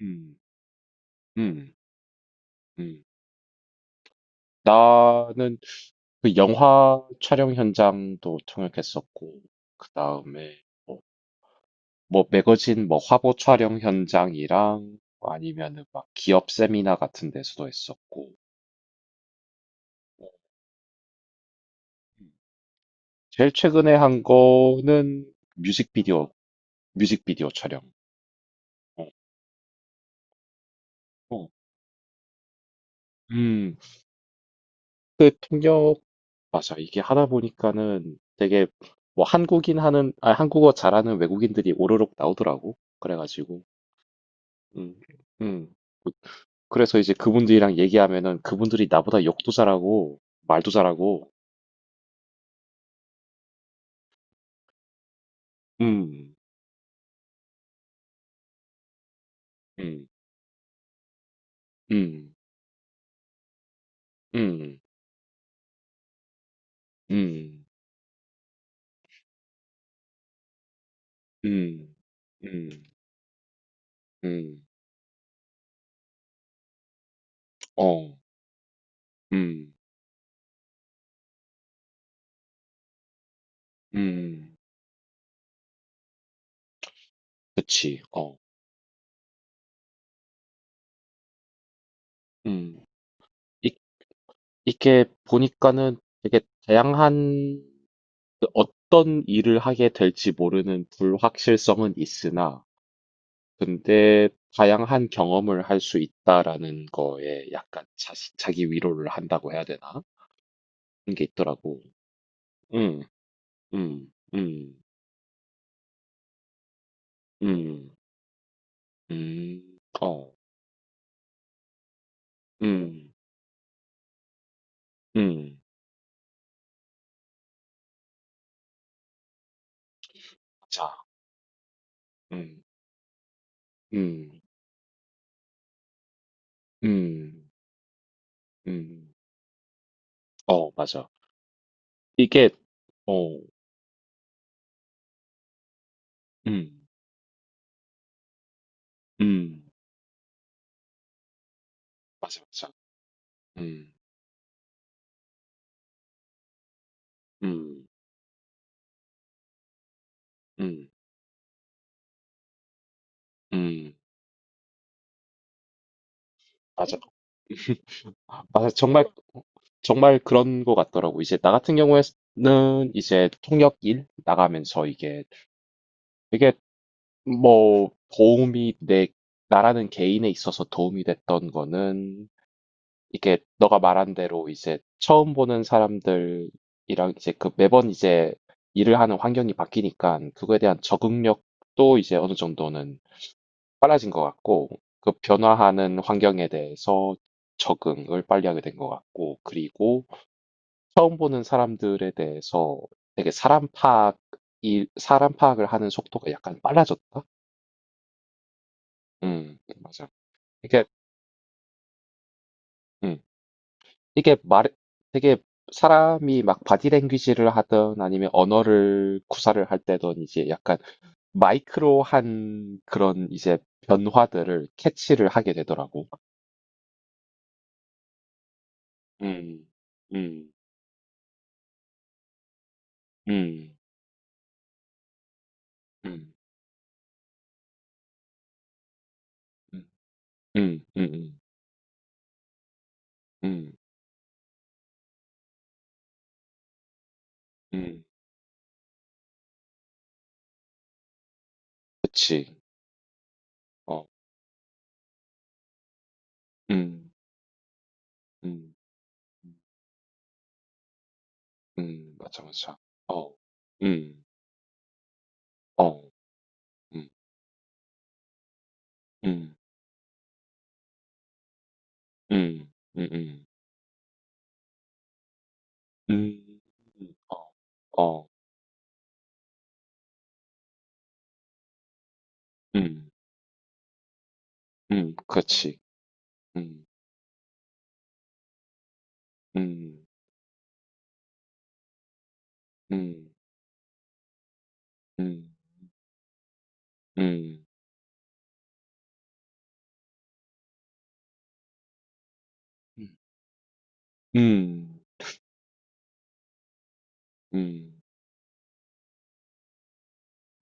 음. 음. 음. 나는 그 영화 촬영 현장도 통역했었고, 그 다음에 뭐 매거진 뭐 화보 촬영 현장이랑 아니면은 막 기업 세미나 같은 데서도 했었고, 뭐, 음. 제일 최근에 한 거는 뮤직비디오, 뮤직비디오 촬영. 어, 어. 음, 그 통역, 맞아. 이게 하다 보니까는 되게 뭐 한국어 잘하는 외국인들이 오로록 나오더라고. 그래가지고. 음. 음. 그- 그래서 이제 그분들이랑 얘기하면은 그분들이 나보다 욕도 잘하고 말도 잘하고. 음. 음. 음. 음. 음. 음. 음. 음. 어. 음. 음. 그치. 어. 음. 이, 이게 보니까는 되게 다양한 그 어떤 일을 하게 될지 모르는 불확실성은 있으나, 근데 다양한 경험을 할 수 있다라는 거에 약간 자시 자기 위로를 한다고 해야 되나? 그런 게 있더라고. 음. 음. 음. 음. 음. 어. 음. 응. 맞아. 음. 음. 음. 음. 어, 맞아. 이게. 어. 음. 음. 맞아, 맞아. 음. 음. 음. 음. 맞아. 아, 정말. 정말 그런 것 같더라고. 이제 나 같은 경우에는 이제 통역 일 나가면서 이게 되게 뭐 도움이, 나라는 개인에 있어서 도움이 됐던 거는, 이게 너가 말한 대로 이제 처음 보는 사람들이랑 이제 그 매번 이제 일을 하는 환경이 바뀌니까 그거에 대한 적응력도 이제 어느 정도는 빨라진 것 같고, 그 변화하는 환경에 대해서 적응을 빨리 하게 된 것 같고, 그리고 처음 보는 사람들에 대해서 되게 사람 파악을 하는 속도가 약간 빨라졌다? 음. 맞아. 이게. 음. 이게 말 되게, 사람이 막 바디 랭귀지를 하든 아니면 언어를 구사를 할 때든 이제 약간 마이크로한 그런 이제 변화들을 캐치를 하게 되더라고. 음. 음. 음. 음. 음. 음. 음음. 음. 음. 음. 그치. 어. 음. 음. 음. 맞아, 맞아. 어. 음. 어. 음. 음. 음. 음. 음. 음. 음, 음, 어. 음. 음. 그렇지. 음. 음. 음. 음. 음. 음. 음. 음.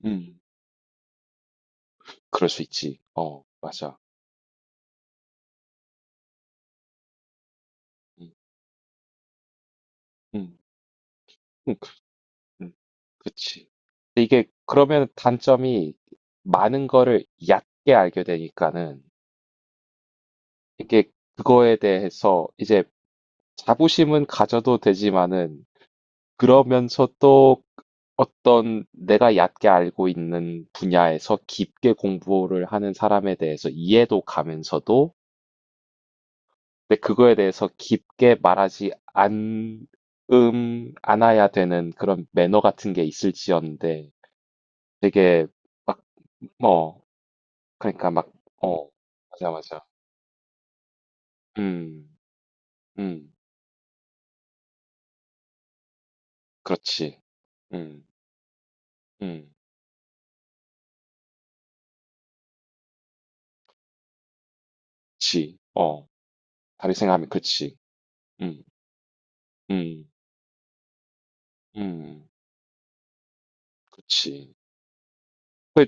음. 그럴 수 있지. 어, 맞아. 음. 음. 음. 음. 그치. 근데 이게 그러면 단점이, 많은 거를 얕게 알게 되니까는 이게 그거에 대해서 이제 자부심은 가져도 되지만은, 그러면서 또 어떤 내가 얕게 알고 있는 분야에서 깊게 공부를 하는 사람에 대해서 이해도 가면서도, 근데 그거에 대해서 깊게 말하지 않아야 되는 그런 매너 같은 게 있을지언데, 되게. 막, 뭐, 그러니까 막, 어, 맞아, 맞아. 음. 음. 그렇지. 음. 음. 그치. 어. 다르게 생각하면 그치. 음. 음. 음. 그치. 그.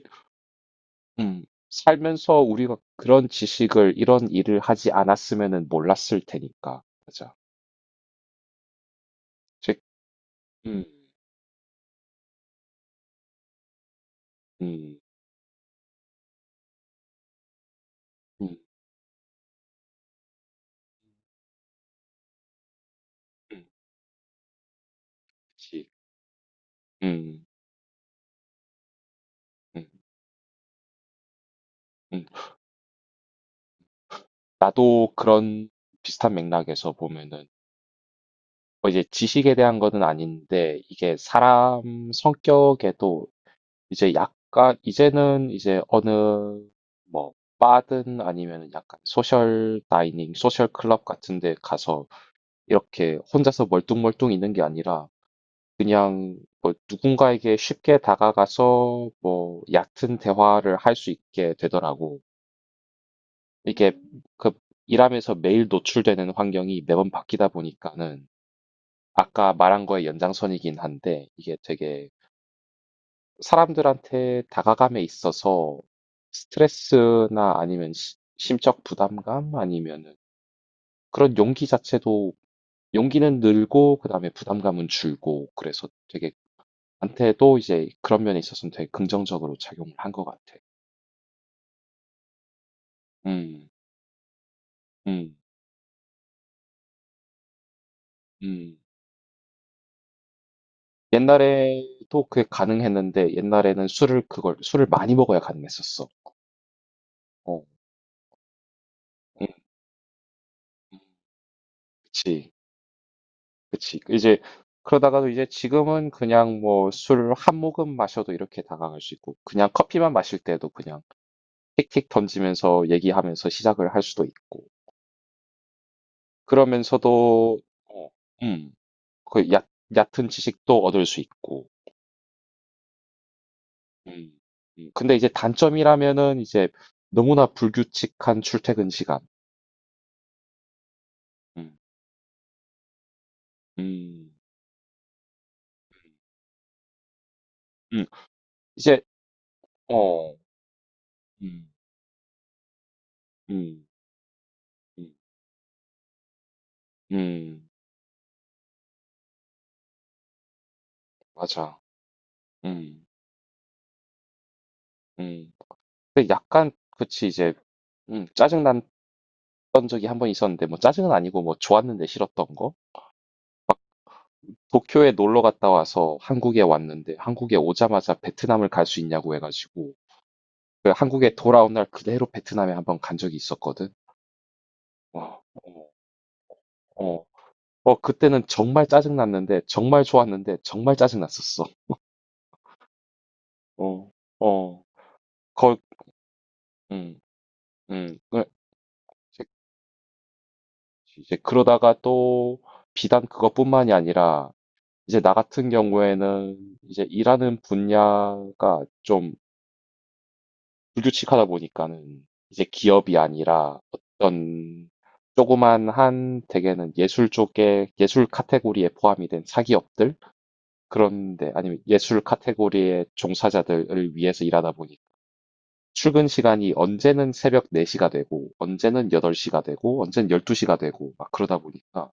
음. 살면서 우리가 그런 지식을, 이런 일을 하지 않았으면은 몰랐을 테니까. 맞아. 제. 음. 음. 음. 음. 그치. 음. 음. 음. 나도 그런 비슷한 맥락에서 보면은, 뭐 이제 지식에 대한 거는 아닌데 이게 사람 성격에도 이제 약간 이제는 이제 어느 뭐 바든 아니면 약간 소셜 다이닝, 소셜 클럽 같은 데 가서 이렇게 혼자서 멀뚱멀뚱 있는 게 아니라 그냥 뭐 누군가에게 쉽게 다가가서 뭐 얕은 대화를 할 수 있게 되더라고. 이게 그 일하면서 매일 노출되는 환경이 매번 바뀌다 보니까는, 아까 말한 거의 연장선이긴 한데 이게 되게 사람들한테 다가감에 있어서 스트레스나 아니면 심적 부담감 아니면은 그런 용기 자체도, 용기는 늘고 그다음에 부담감은 줄고, 그래서 되게 나한테도 이제 그런 면에 있어서는 되게 긍정적으로 작용을 한 것 같아. 음. 음. 음. 옛날에도 그게 가능했는데, 옛날에는 술을 많이 먹어야 가능했었어. 어. 음. 음. 그치. 그치. 이제 그러다가도 이제 지금은 그냥 뭐 술 한 모금 마셔도 이렇게 다가갈 수 있고, 그냥 커피만 마실 때도 그냥 킥킥 던지면서 얘기하면서 시작을 할 수도 있고, 그러면서도 어 음 그 얕 얕은 지식도 얻을 수 있고. 음. 음. 근데 이제 단점이라면은 이제 너무나 불규칙한 출퇴근 시간. 음. 음. 음. 음. 이제. 어. 음. 음. 음. 음. 맞아. 음. 음. 그 약간. 그치 이제. 음. 짜증났던 적이 한 번 있었는데, 뭐 짜증은 아니고 뭐 좋았는데 싫었던 거. 도쿄에 놀러 갔다 와서 한국에 왔는데, 한국에 오자마자 베트남을 갈 수 있냐고 해 가지고 그 한국에 돌아온 날 그대로 베트남에 한번 간 적이 있었거든. 어. 어. 어. 어 그때는 정말 짜증났는데, 정말 좋았는데 정말 짜증났었어. 어. 어. 거. 음. 음. 그. 이제 그러다가 또 비단 그것뿐만이 아니라, 이제 나 같은 경우에는 이제 일하는 분야가 좀 불규칙하다 보니까는 이제 기업이 아니라 어떤 조그만 한, 대개는 예술 쪽에 예술 카테고리에 포함이 된 사기업들, 그런데 아니면 예술 카테고리의 종사자들을 위해서 일하다 보니, 출근 시간이 언제는 새벽 4시가 되고 언제는 8시가 되고 언제는 12시가 되고 막 그러다 보니까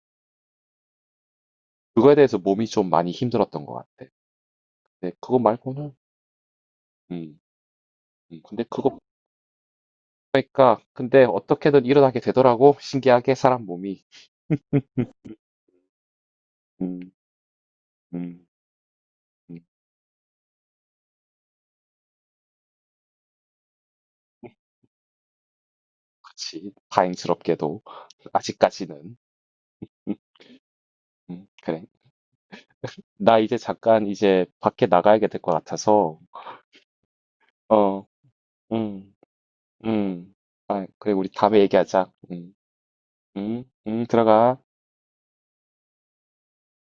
그거에 대해서 몸이 좀 많이 힘들었던 것 같아. 근데 그거 말고는. 음, 근데 그거 그러니까, 근데 어떻게든 일어나게 되더라고. 신기하게 사람 몸이. 음. 음. 음. 그치. 다행스럽게도 아직까지는. 음. 음. 그래. 나 이제 잠깐 이제 밖에 나가야 될 것 같아서. 어. 음. 음. 아, 그래, 우리 다음에 얘기하자. 음. 음. 음. 들어가.